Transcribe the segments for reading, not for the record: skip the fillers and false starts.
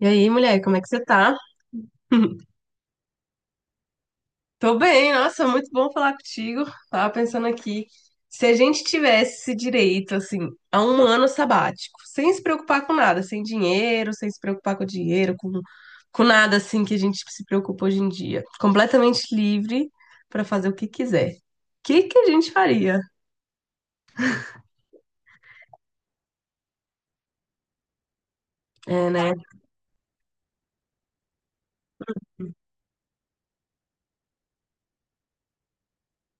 E aí, mulher, como é que você tá? Tô bem, nossa, muito bom falar contigo. Tava pensando aqui, se a gente tivesse esse direito, assim, a um ano sabático, sem se preocupar com nada, sem dinheiro, sem se preocupar com dinheiro, com nada, assim, que a gente se preocupa hoje em dia, completamente livre pra fazer o que quiser. O que que a gente faria? É, né?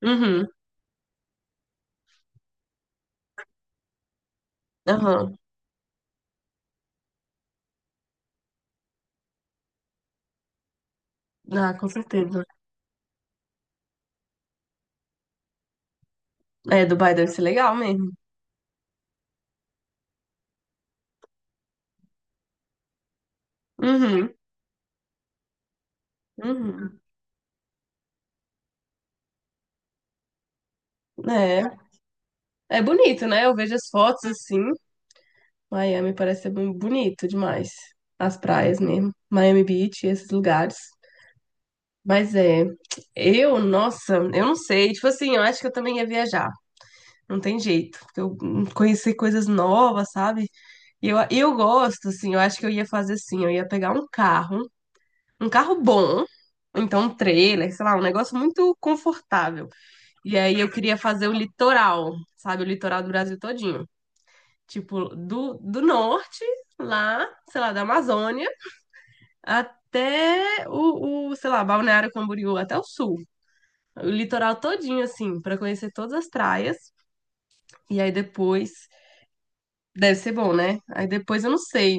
Uhum, aham. Ah, com certeza. É, Dubai deve ser legal mesmo. Uhum, uhum. É, é bonito, né? Eu vejo as fotos assim. Miami parece ser bem bonito demais. As praias mesmo. Miami Beach, esses lugares. Mas é, eu, nossa, eu não sei. Tipo assim, eu acho que eu também ia viajar. Não tem jeito, porque eu conheci coisas novas, sabe? E eu gosto, assim, eu acho que eu ia fazer assim, eu ia pegar um carro bom, ou então um trailer, sei lá, um negócio muito confortável. E aí eu queria fazer o litoral, sabe? O litoral do Brasil todinho. Tipo, do norte, lá, sei lá, da Amazônia até o, sei lá, Balneário Camboriú, até o sul. O litoral todinho, assim, pra conhecer todas as praias. E aí depois. Deve ser bom, né? Aí depois eu não sei.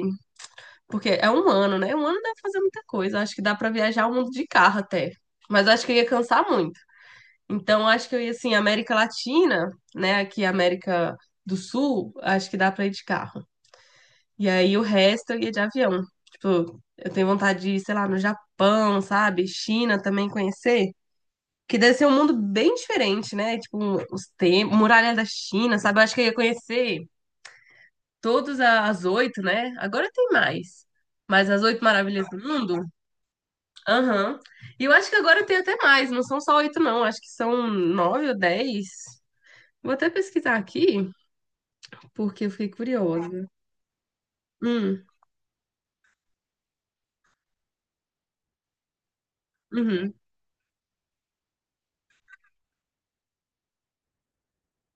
Porque é um ano, né? Um ano dá pra fazer muita coisa. Acho que dá pra viajar o mundo de carro até. Mas eu acho que eu ia cansar muito. Então, acho que eu ia, assim, América Latina, né? Aqui, América do Sul, acho que dá pra ir de carro. E aí o resto eu ia de avião. Tipo, eu tenho vontade de ir, sei lá, no Japão, sabe? China também conhecer. Que deve ser um mundo bem diferente, né? Tipo, os tempos, Muralha da China, sabe? Eu acho que eu ia conhecer todas as oito, né? Agora tem mais. Mas as oito maravilhas do mundo? Aham. E eu acho que agora tem até mais, não são só oito, não. Acho que são nove ou dez. Vou até pesquisar aqui, porque eu fiquei curiosa. Hum, uhum.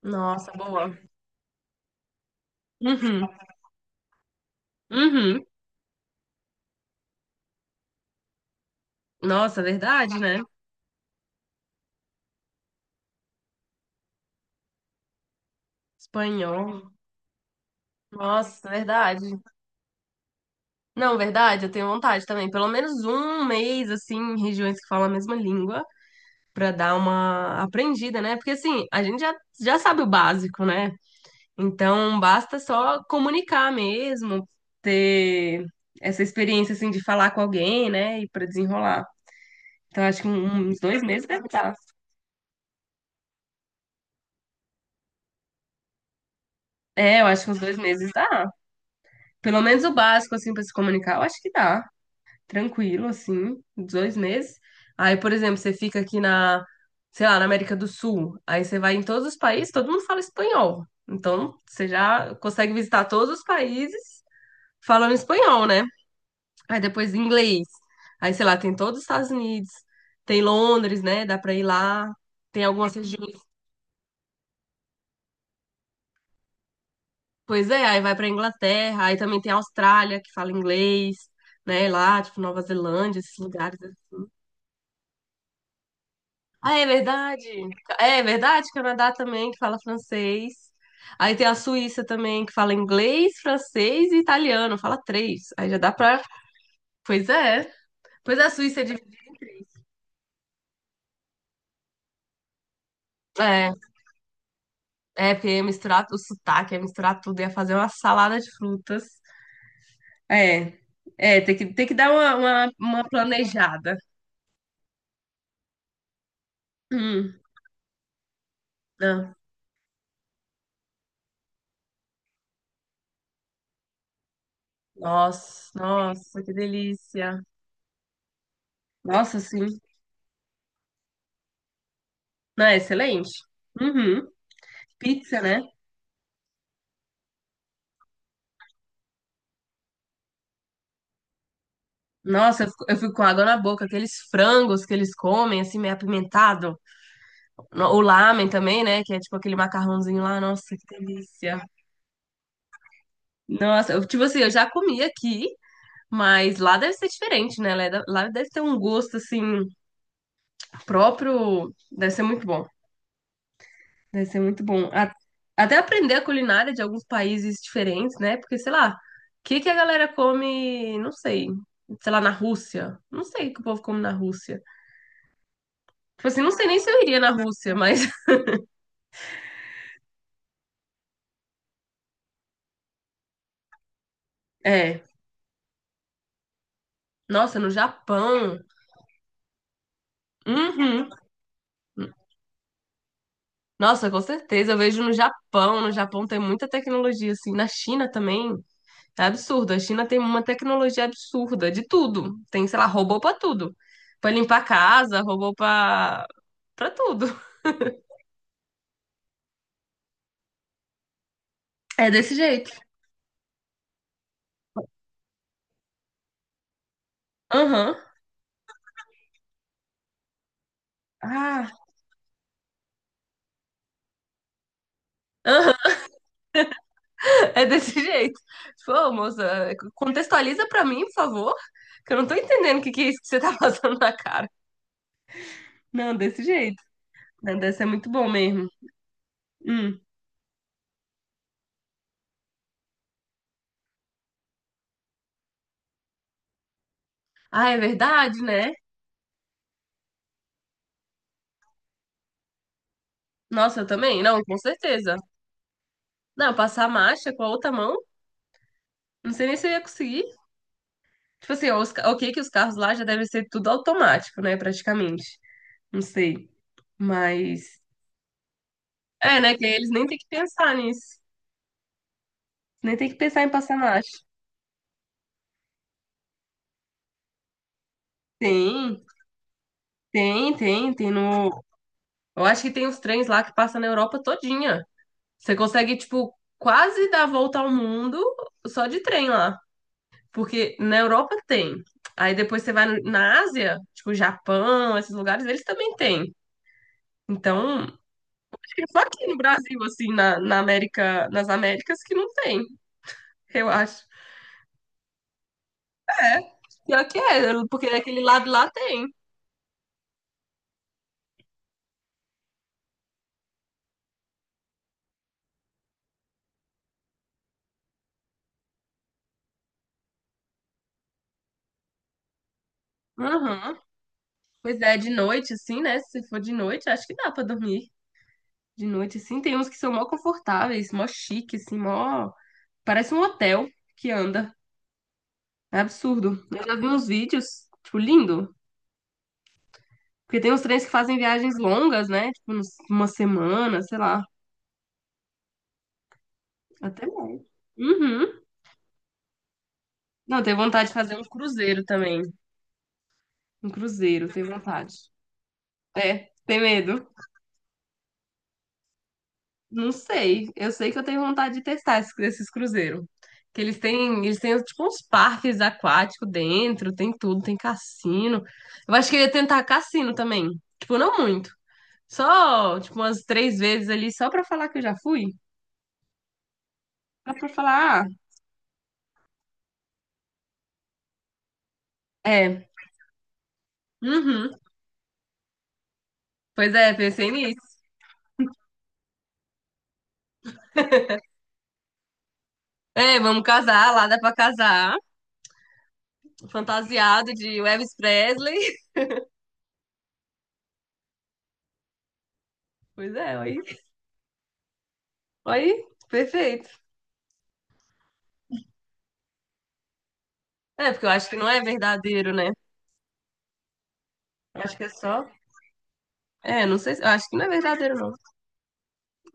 Nossa, boa. Uhum, uhum. Nossa, verdade, né? Espanhol. Nossa, verdade. Não, verdade, eu tenho vontade também. Pelo menos um mês, assim, em regiões que falam a mesma língua, pra dar uma aprendida, né? Porque, assim, a gente já sabe o básico, né? Então, basta só comunicar mesmo, ter essa experiência, assim, de falar com alguém, né? E pra desenrolar. Então, acho que uns dois meses deve dar. É, eu acho que uns 2 meses dá. Pelo menos o básico, assim, pra se comunicar, eu acho que dá. Tranquilo, assim, 2 meses. Aí, por exemplo, você fica aqui na, sei lá, na América do Sul, aí você vai em todos os países, todo mundo fala espanhol. Então, você já consegue visitar todos os países falando espanhol, né? Aí depois inglês. Aí, sei lá, tem todos os Estados Unidos, tem Londres, né? Dá pra ir lá. Tem algumas regiões. Pois é, aí vai pra Inglaterra, aí também tem a Austrália, que fala inglês, né? Lá, tipo, Nova Zelândia, esses lugares. Ah, é verdade. É verdade, Canadá também, que fala francês. Aí tem a Suíça também, que fala inglês, francês e italiano, fala três. Aí já dá pra. Pois é. Pois é, a Suíça é dividida em três. É, é, porque ia misturar o sotaque, ia misturar tudo, ia fazer uma salada de frutas. É, é, tem que dar uma planejada. Hum, ah, nossa, nossa, que delícia. Nossa, sim. Não, é excelente. Uhum. Pizza, né? Nossa, eu fico com água na boca. Aqueles frangos que eles comem, assim, meio apimentado. O lamen também, né? Que é tipo aquele macarrãozinho lá. Nossa, que delícia. Nossa, tipo assim, eu já comi aqui, mas lá deve ser diferente, né? Lá deve ter um gosto, assim, próprio. Deve ser muito bom. Deve ser muito bom. Até aprender a culinária de alguns países diferentes, né? Porque, sei lá, o que que a galera come, não sei, sei lá, na Rússia. Não sei o que o povo come na Rússia. Tipo assim, não sei nem se eu iria na Rússia, mas é. Nossa, no Japão. Uhum. Nossa, com certeza. Eu vejo no Japão. No Japão tem muita tecnologia, assim. Na China também. É absurdo. A China tem uma tecnologia absurda de tudo. Tem, sei lá, robô pra tudo. Pra limpar a casa, robô pra tudo. É desse jeito. Aham. Ah, aham, é desse jeito. Tipo, ô, moça, contextualiza pra mim, por favor, que eu não tô entendendo o que que é isso que você tá passando na cara. Não, desse jeito. Né, deve ser muito bom mesmo. Hum. Ah, é verdade, né? Nossa, eu também? Não, com certeza. Não, passar a marcha com a outra mão, não sei nem se eu ia conseguir. Tipo assim, ok que os carros lá já devem ser tudo automático, né, praticamente. Não sei. Mas, é, né, que eles nem têm que pensar nisso. Nem tem que pensar em passar marcha. Tem, tem, no. Eu acho que tem os trens lá que passam na Europa todinha. Você consegue, tipo, quase dar a volta ao mundo só de trem lá. Porque na Europa tem. Aí depois você vai na Ásia, tipo, Japão, esses lugares, eles também têm. Então, acho que só aqui no Brasil, assim, na América, nas Américas que não tem, eu acho. Pior que é, porque daquele lado lá tem. Uhum. Pois é, de noite, assim, né? Se for de noite, acho que dá pra dormir. De noite, assim. Tem uns que são mó confortáveis, mó chique, assim, mó. Parece um hotel que anda. É absurdo. Eu já vi uns vídeos, tipo, lindo. Porque tem uns trens que fazem viagens longas, né? Tipo, uma semana, sei lá. Até mais. Uhum. Não, tenho vontade de fazer um cruzeiro também. Um cruzeiro, tenho vontade. É, tem medo. Não sei. Eu sei que eu tenho vontade de testar esses cruzeiros. Que eles têm tipo uns parques aquáticos dentro, tem tudo, tem cassino. Eu acho que eu ia tentar cassino também. Tipo, não muito. Só, tipo, umas três vezes ali, só pra falar que eu já fui. Só pra falar, ah, é. Uhum. Pois é, pensei nisso. É, vamos casar, lá dá pra casar. Fantasiado de Elvis Presley. Pois é, aí. Aí, perfeito. É, porque eu acho que não é verdadeiro, né? Eu acho que é só É, não sei, eu acho que não é verdadeiro, não.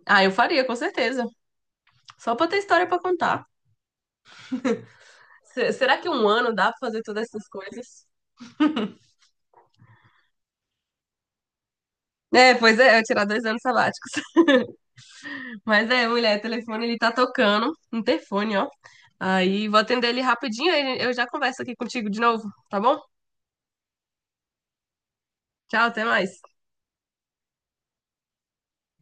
Ah, eu faria, com certeza. Só pra ter história pra contar. Será que um ano dá pra fazer todas essas coisas? É, pois é, eu tirar 2 anos sabáticos. Mas é, mulher, o telefone, ele tá tocando. Um interfone, ó. Aí, vou atender ele rapidinho, aí eu já converso aqui contigo de novo, tá bom? Tchau, até mais.